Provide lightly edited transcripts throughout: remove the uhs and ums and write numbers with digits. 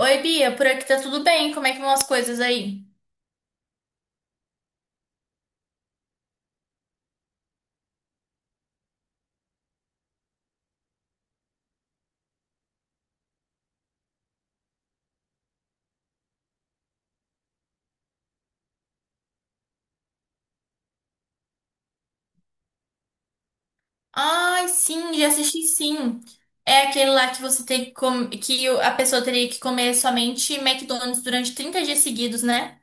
Oi, Bia, por aqui tá tudo bem? Como é que vão as coisas aí? Ai, sim, já assisti sim. É aquele lá que você tem que com- que o- a pessoa teria que comer somente McDonald's durante 30 dias seguidos, né?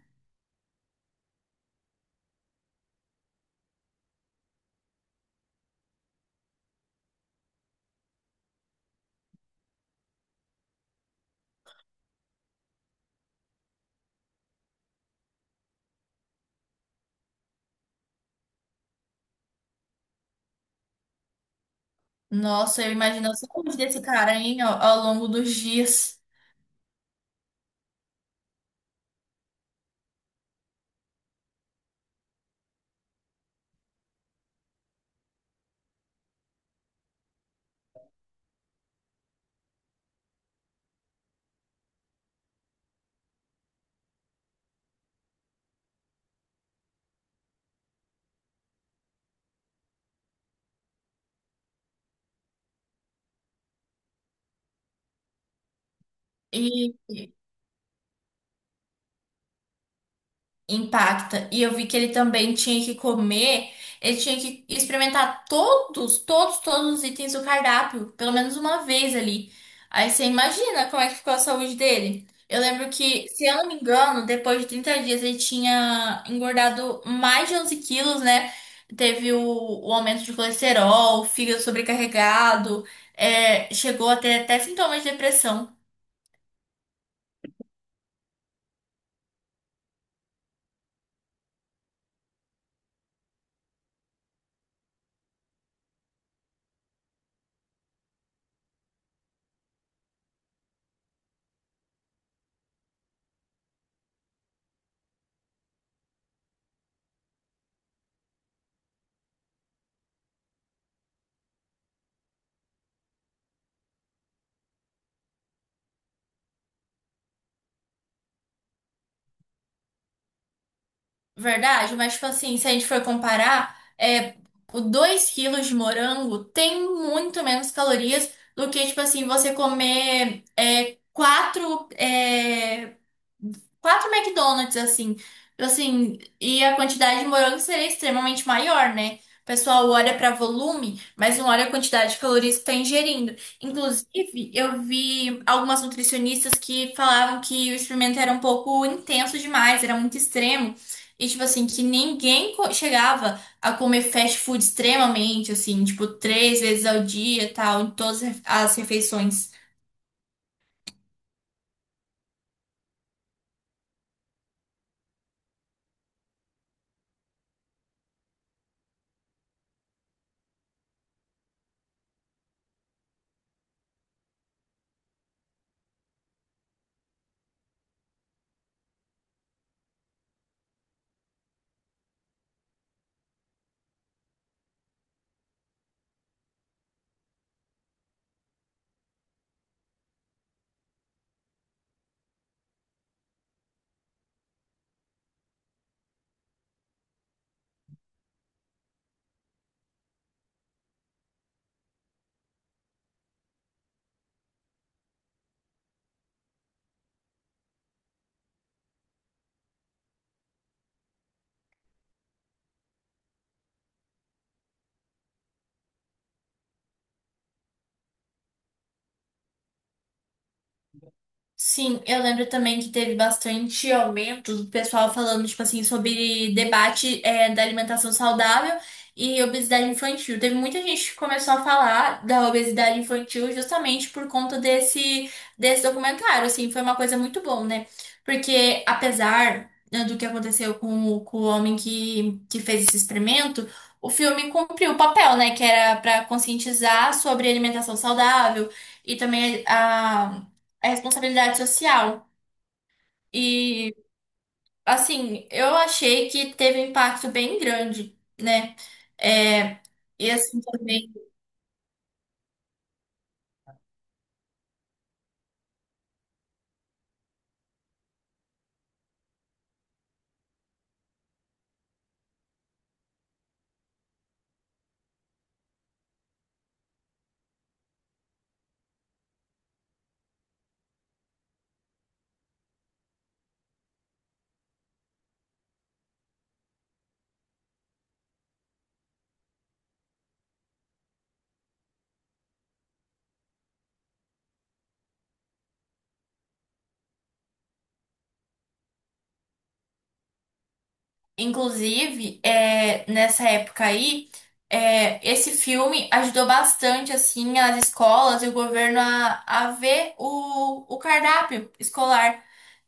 Nossa, eu imagino a saúde desse cara, hein, ao longo dos dias. Impacta. E eu vi que ele também ele tinha que experimentar todos os itens do cardápio, pelo menos uma vez ali. Aí você imagina como é que ficou a saúde dele. Eu lembro que, se eu não me engano, depois de 30 dias ele tinha engordado mais de 11 quilos, né? Teve o aumento de colesterol, o fígado sobrecarregado, chegou a ter até sintomas de depressão. Verdade, mas tipo assim, se a gente for comparar, o 2 quilos de morango tem muito menos calorias do que, tipo assim, você comer é, 4 quatro McDonald's, assim. Assim, e a quantidade de morango seria extremamente maior, né? O pessoal olha para volume, mas não olha a quantidade de calorias que está ingerindo. Inclusive, eu vi algumas nutricionistas que falavam que o experimento era um pouco intenso demais, era muito extremo. E, tipo assim, que chegava a comer fast food extremamente, assim, tipo, três vezes ao dia e tal, em todas as refeições. Sim, eu lembro também que teve bastante aumento do pessoal falando, tipo assim, sobre debate, da alimentação saudável e obesidade infantil. Teve muita gente que começou a falar da obesidade infantil justamente por conta desse documentário, assim, foi uma coisa muito bom, né? Porque apesar, né, do que aconteceu com o homem que fez esse experimento, o filme cumpriu o papel, né? Que era para conscientizar sobre alimentação saudável e também a responsabilidade social. E, assim, eu achei que teve um impacto bem grande, né? É, e assim também, inclusive, nessa época aí, esse filme ajudou bastante, assim, as escolas e o governo a ver o cardápio escolar.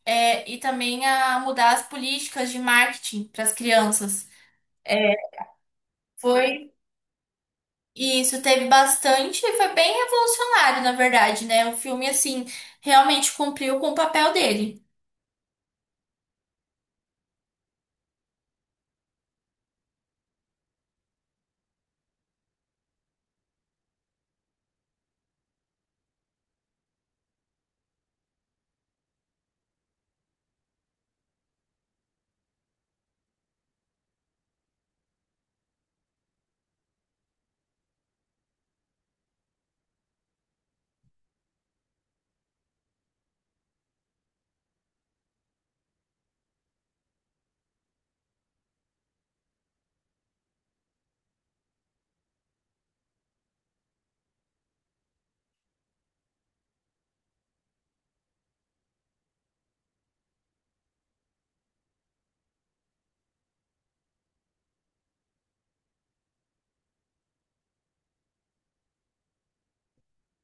É, e também a mudar as políticas de marketing para as crianças. É, Foi E isso teve bastante e foi bem revolucionário, na verdade, né? O filme, assim, realmente cumpriu com o papel dele.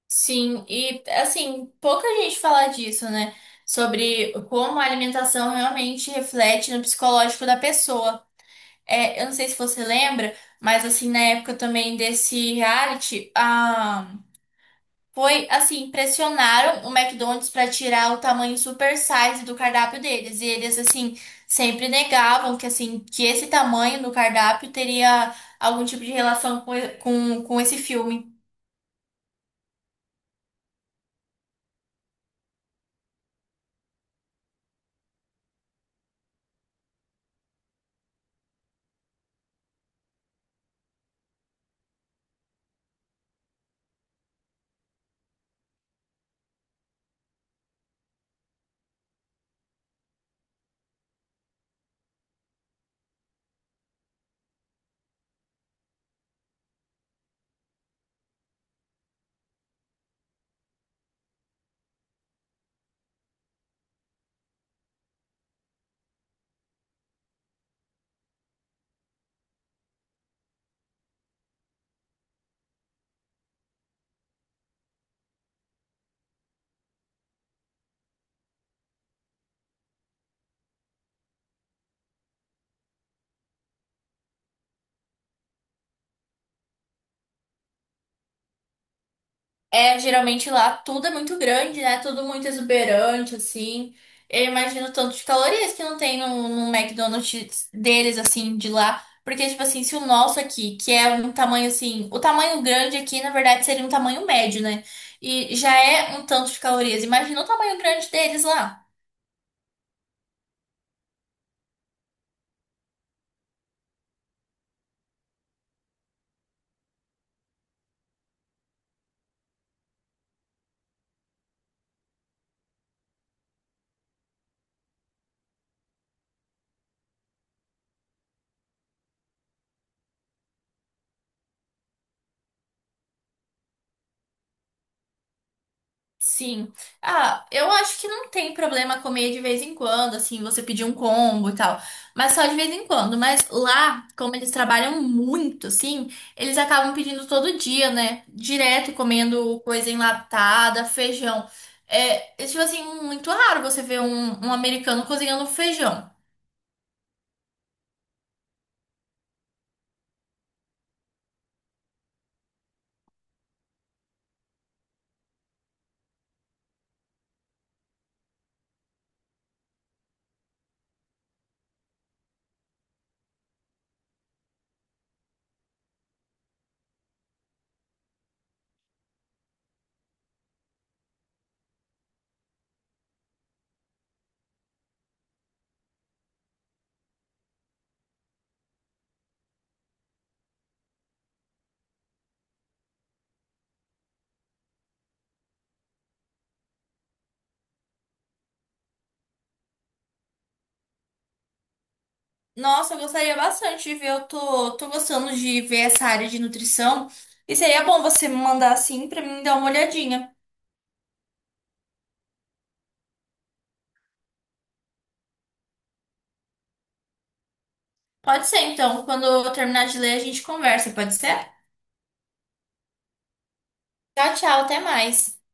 Sim, e assim, pouca gente fala disso, né? Sobre como a alimentação realmente reflete no psicológico da pessoa. É, eu não sei se você lembra, mas assim, na época também desse reality, a Foi assim, pressionaram o McDonald's para tirar o tamanho super size do cardápio deles. E eles assim sempre negavam que assim, que esse tamanho do cardápio teria algum tipo de relação com esse filme. É, geralmente lá tudo é muito grande, né? Tudo muito exuberante, assim. Eu imagino o tanto de calorias que não tem no McDonald's deles, assim, de lá. Porque, tipo assim, se o nosso aqui, que é um tamanho assim, o tamanho grande aqui, na verdade, seria um tamanho médio, né? E já é um tanto de calorias. Imagina o tamanho grande deles lá. Sim. Ah, eu acho que não tem problema comer de vez em quando, assim, você pedir um combo e tal. Mas só de vez em quando. Mas lá, como eles trabalham muito, assim, eles acabam pedindo todo dia, né? Direto comendo coisa enlatada, feijão. Tipo assim, muito raro você ver um americano cozinhando feijão. Nossa, eu gostaria bastante de ver. Tô gostando de ver essa área de nutrição. E seria bom você me mandar assim pra mim dar uma olhadinha. Pode ser, então. Quando eu terminar de ler, a gente conversa, pode ser? Tchau, tchau, até mais.